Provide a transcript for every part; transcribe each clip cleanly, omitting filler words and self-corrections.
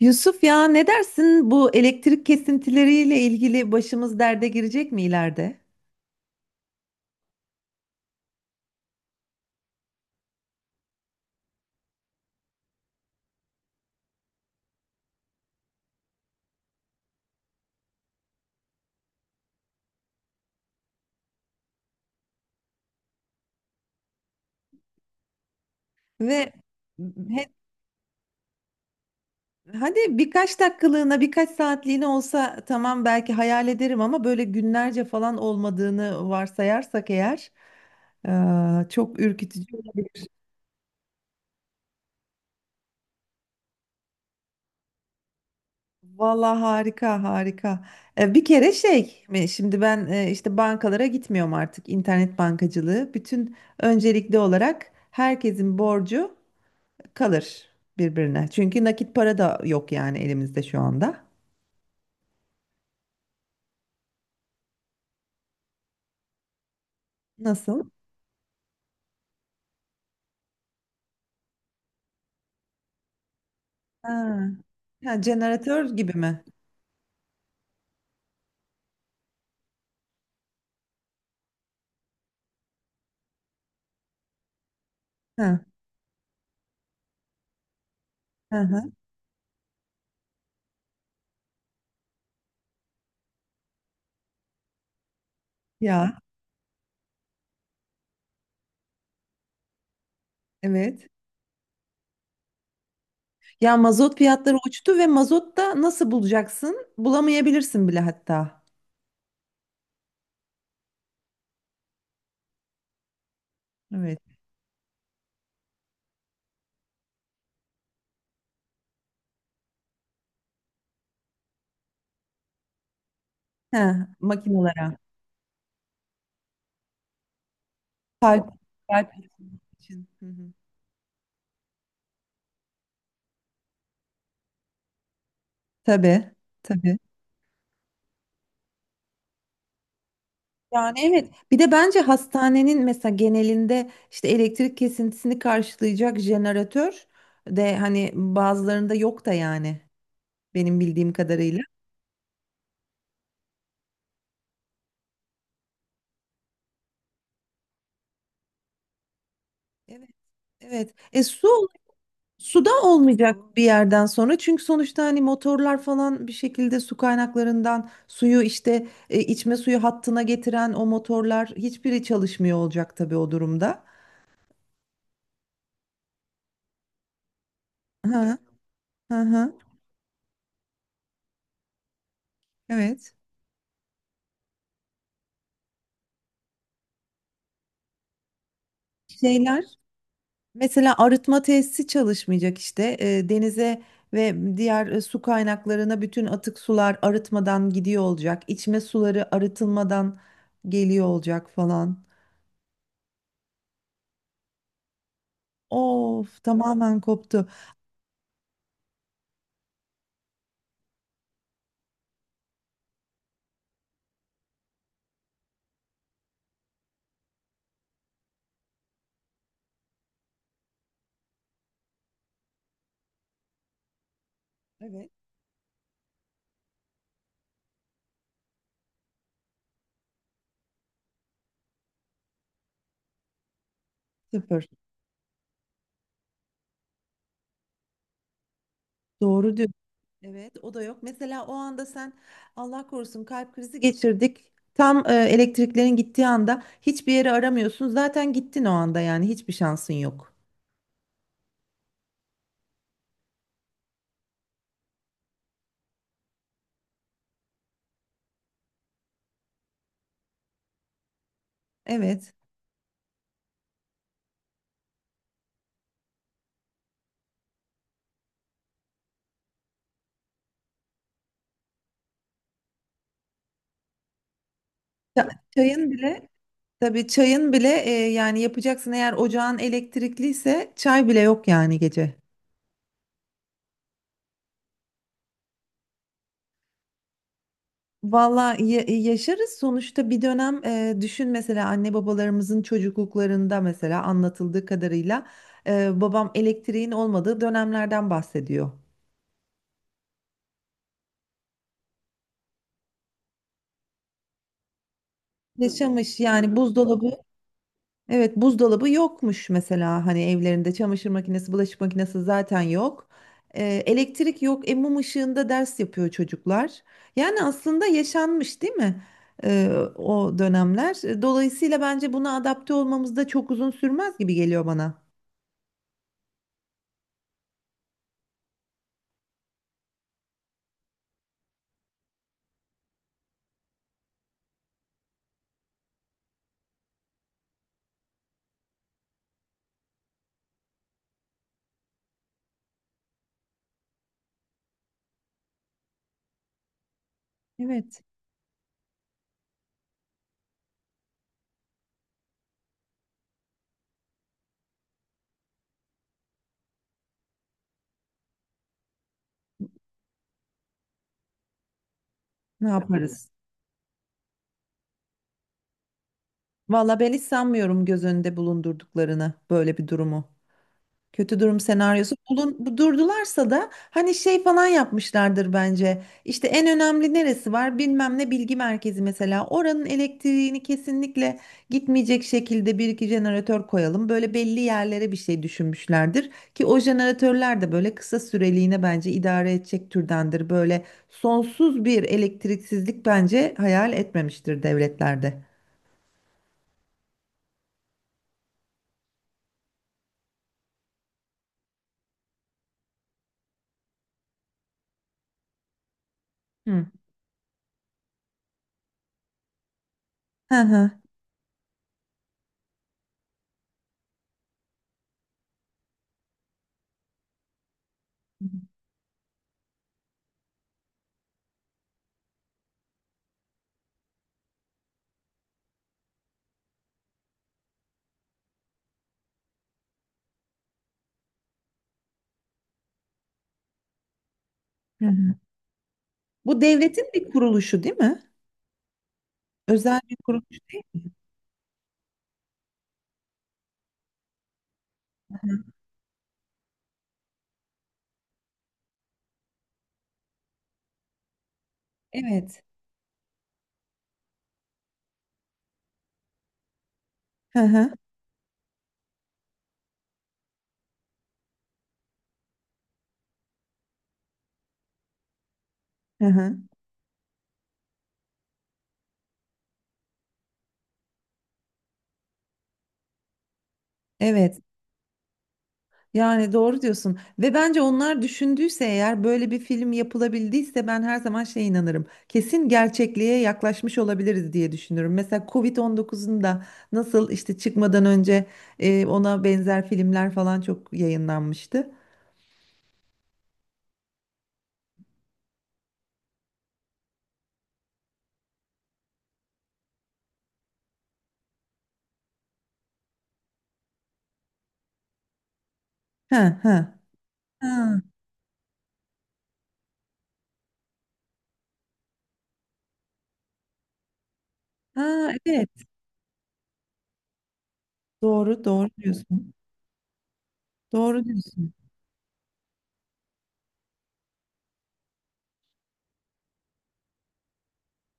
Yusuf ya ne dersin bu elektrik kesintileriyle ilgili başımız derde girecek mi ileride? Ve he- hadi birkaç dakikalığına birkaç saatliğine olsa tamam belki hayal ederim ama böyle günlerce falan olmadığını varsayarsak eğer çok ürkütücü olabilir. Valla harika harika. Bir kere şey mi, şimdi ben işte bankalara gitmiyorum artık internet bankacılığı. Bütün öncelikli olarak herkesin borcu kalır birbirine. Çünkü nakit para da yok yani elimizde şu anda. Nasıl? Ha, ha, jeneratör gibi mi? Ha, hı hı. Ya evet. Ya mazot fiyatları uçtu ve mazot da nasıl bulacaksın? Bulamayabilirsin bile hatta. Evet. Ha, makinalara. Kalp, kalp için. Hı hı. Tabii, tabii. Yani evet. Bir de bence hastanenin mesela genelinde işte elektrik kesintisini karşılayacak jeneratör de hani bazılarında yok da yani. Benim bildiğim kadarıyla. Evet, evet. E su suda olmayacak bir yerden sonra çünkü sonuçta hani motorlar falan bir şekilde su kaynaklarından suyu işte içme suyu hattına getiren o motorlar hiçbiri çalışmıyor olacak tabii o durumda. Hı hı hı. Evet. Şeyler mesela arıtma tesisi çalışmayacak işte denize ve diğer su kaynaklarına bütün atık sular arıtmadan gidiyor olacak. İçme suları arıtılmadan geliyor olacak falan. Of tamamen koptu. Evet, sıfır. Doğru diyor. Evet. O da yok. Mesela o anda sen Allah korusun kalp krizi geçirdik. Tam elektriklerin gittiği anda hiçbir yeri aramıyorsun. Zaten gittin o anda yani hiçbir şansın yok. Evet. Çayın bile tabii çayın bile yani yapacaksın eğer ocağın elektrikliyse çay bile yok yani gece. Valla yaşarız sonuçta bir dönem düşün mesela anne babalarımızın çocukluklarında mesela anlatıldığı kadarıyla babam elektriğin olmadığı dönemlerden bahsediyor. Yaşamış yani buzdolabı evet buzdolabı yokmuş mesela hani evlerinde çamaşır makinesi bulaşık makinesi zaten yok. Elektrik yok, mum ışığında ders yapıyor çocuklar. Yani aslında yaşanmış değil mi? e, O dönemler. Dolayısıyla bence buna adapte olmamız da çok uzun sürmez gibi geliyor bana. Evet. Ne yaparız? Valla ben hiç sanmıyorum göz önünde bulundurduklarını böyle bir durumu. Kötü durum senaryosu bulun, durdularsa da hani şey falan yapmışlardır bence. İşte en önemli neresi var bilmem ne bilgi merkezi mesela. Oranın elektriğini kesinlikle gitmeyecek şekilde bir iki jeneratör koyalım. Böyle belli yerlere bir şey düşünmüşlerdir. Ki o jeneratörler de böyle kısa süreliğine bence idare edecek türdendir. Böyle sonsuz bir elektriksizlik bence hayal etmemiştir devletlerde. Hı. Hı hı. Hı hı. Bu devletin bir kuruluşu değil mi? Özel bir kuruluş değil. Evet. Hı hı. Hı hı. Evet. Yani doğru diyorsun. Ve bence onlar düşündüyse eğer böyle bir film yapılabildiyse ben her zaman şeye inanırım. Kesin gerçekliğe yaklaşmış olabiliriz diye düşünüyorum. Mesela Covid-19'un da nasıl işte çıkmadan önce ona benzer filmler falan çok yayınlanmıştı. Hı hı. Ha, ha, evet. Doğru, doğru diyorsun. Doğru diyorsun.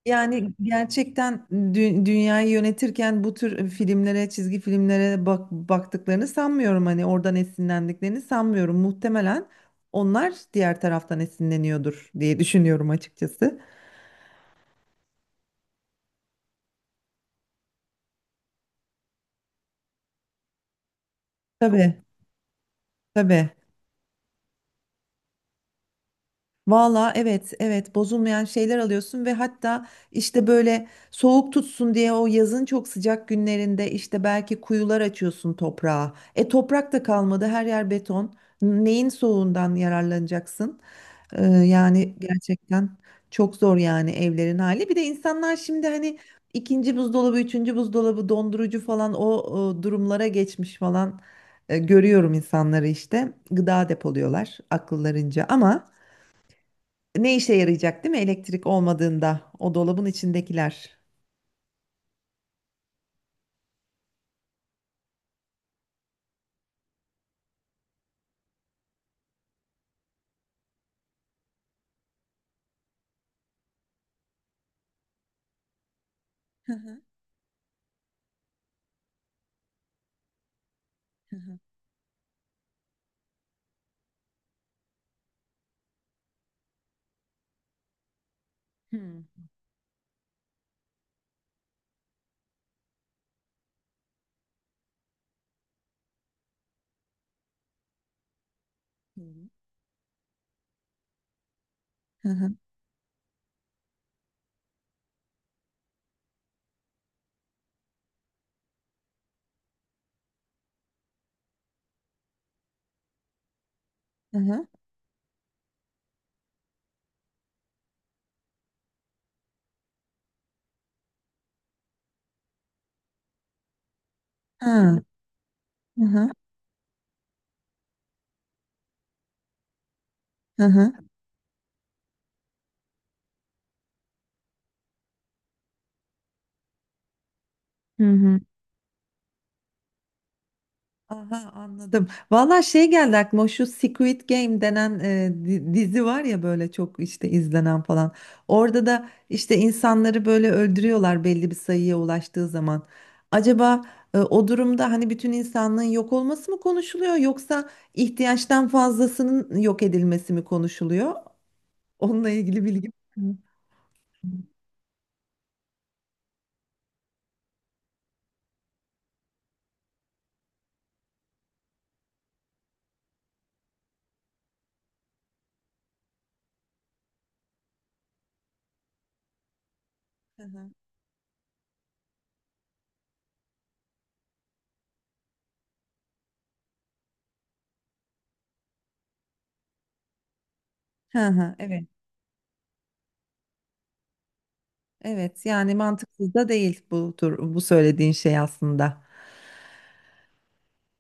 Yani gerçekten dünyayı yönetirken bu tür filmlere, çizgi filmlere baktıklarını sanmıyorum. Hani oradan esinlendiklerini sanmıyorum. Muhtemelen onlar diğer taraftan esinleniyordur diye düşünüyorum açıkçası. Tabii, tabii. Valla evet evet bozulmayan şeyler alıyorsun ve hatta işte böyle soğuk tutsun diye o yazın çok sıcak günlerinde işte belki kuyular açıyorsun toprağa. E toprak da kalmadı her yer beton. Neyin soğuğundan yararlanacaksın? Yani gerçekten çok zor yani evlerin hali. Bir de insanlar şimdi hani ikinci buzdolabı, üçüncü buzdolabı, dondurucu falan o durumlara geçmiş falan. Görüyorum insanları işte gıda depoluyorlar akıllarınca ama... Ne işe yarayacak değil mi elektrik olmadığında o dolabın içindekiler? Hı hı, hı hı. Hmm. Hı hı, hı hı. Ha, hı hı, hı hı. Hı hı hı. Aha anladım. Valla şey geldi aklıma şu Squid Game denen dizi var ya böyle çok işte izlenen falan. Orada da işte insanları böyle öldürüyorlar belli bir sayıya ulaştığı zaman. Acaba o durumda hani bütün insanlığın yok olması mı konuşuluyor yoksa ihtiyaçtan fazlasının yok edilmesi mi konuşuluyor? Onunla ilgili bilgi var mı? Hı hı. Hı hı, evet. Evet yani mantıksız da değil bu tur bu söylediğin şey aslında.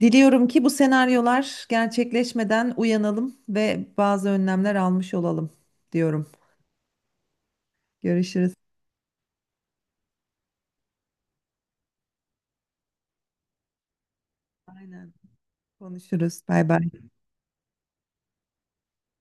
Diliyorum ki bu senaryolar gerçekleşmeden uyanalım ve bazı önlemler almış olalım diyorum. Görüşürüz. Aynen. Konuşuruz. Bay bay.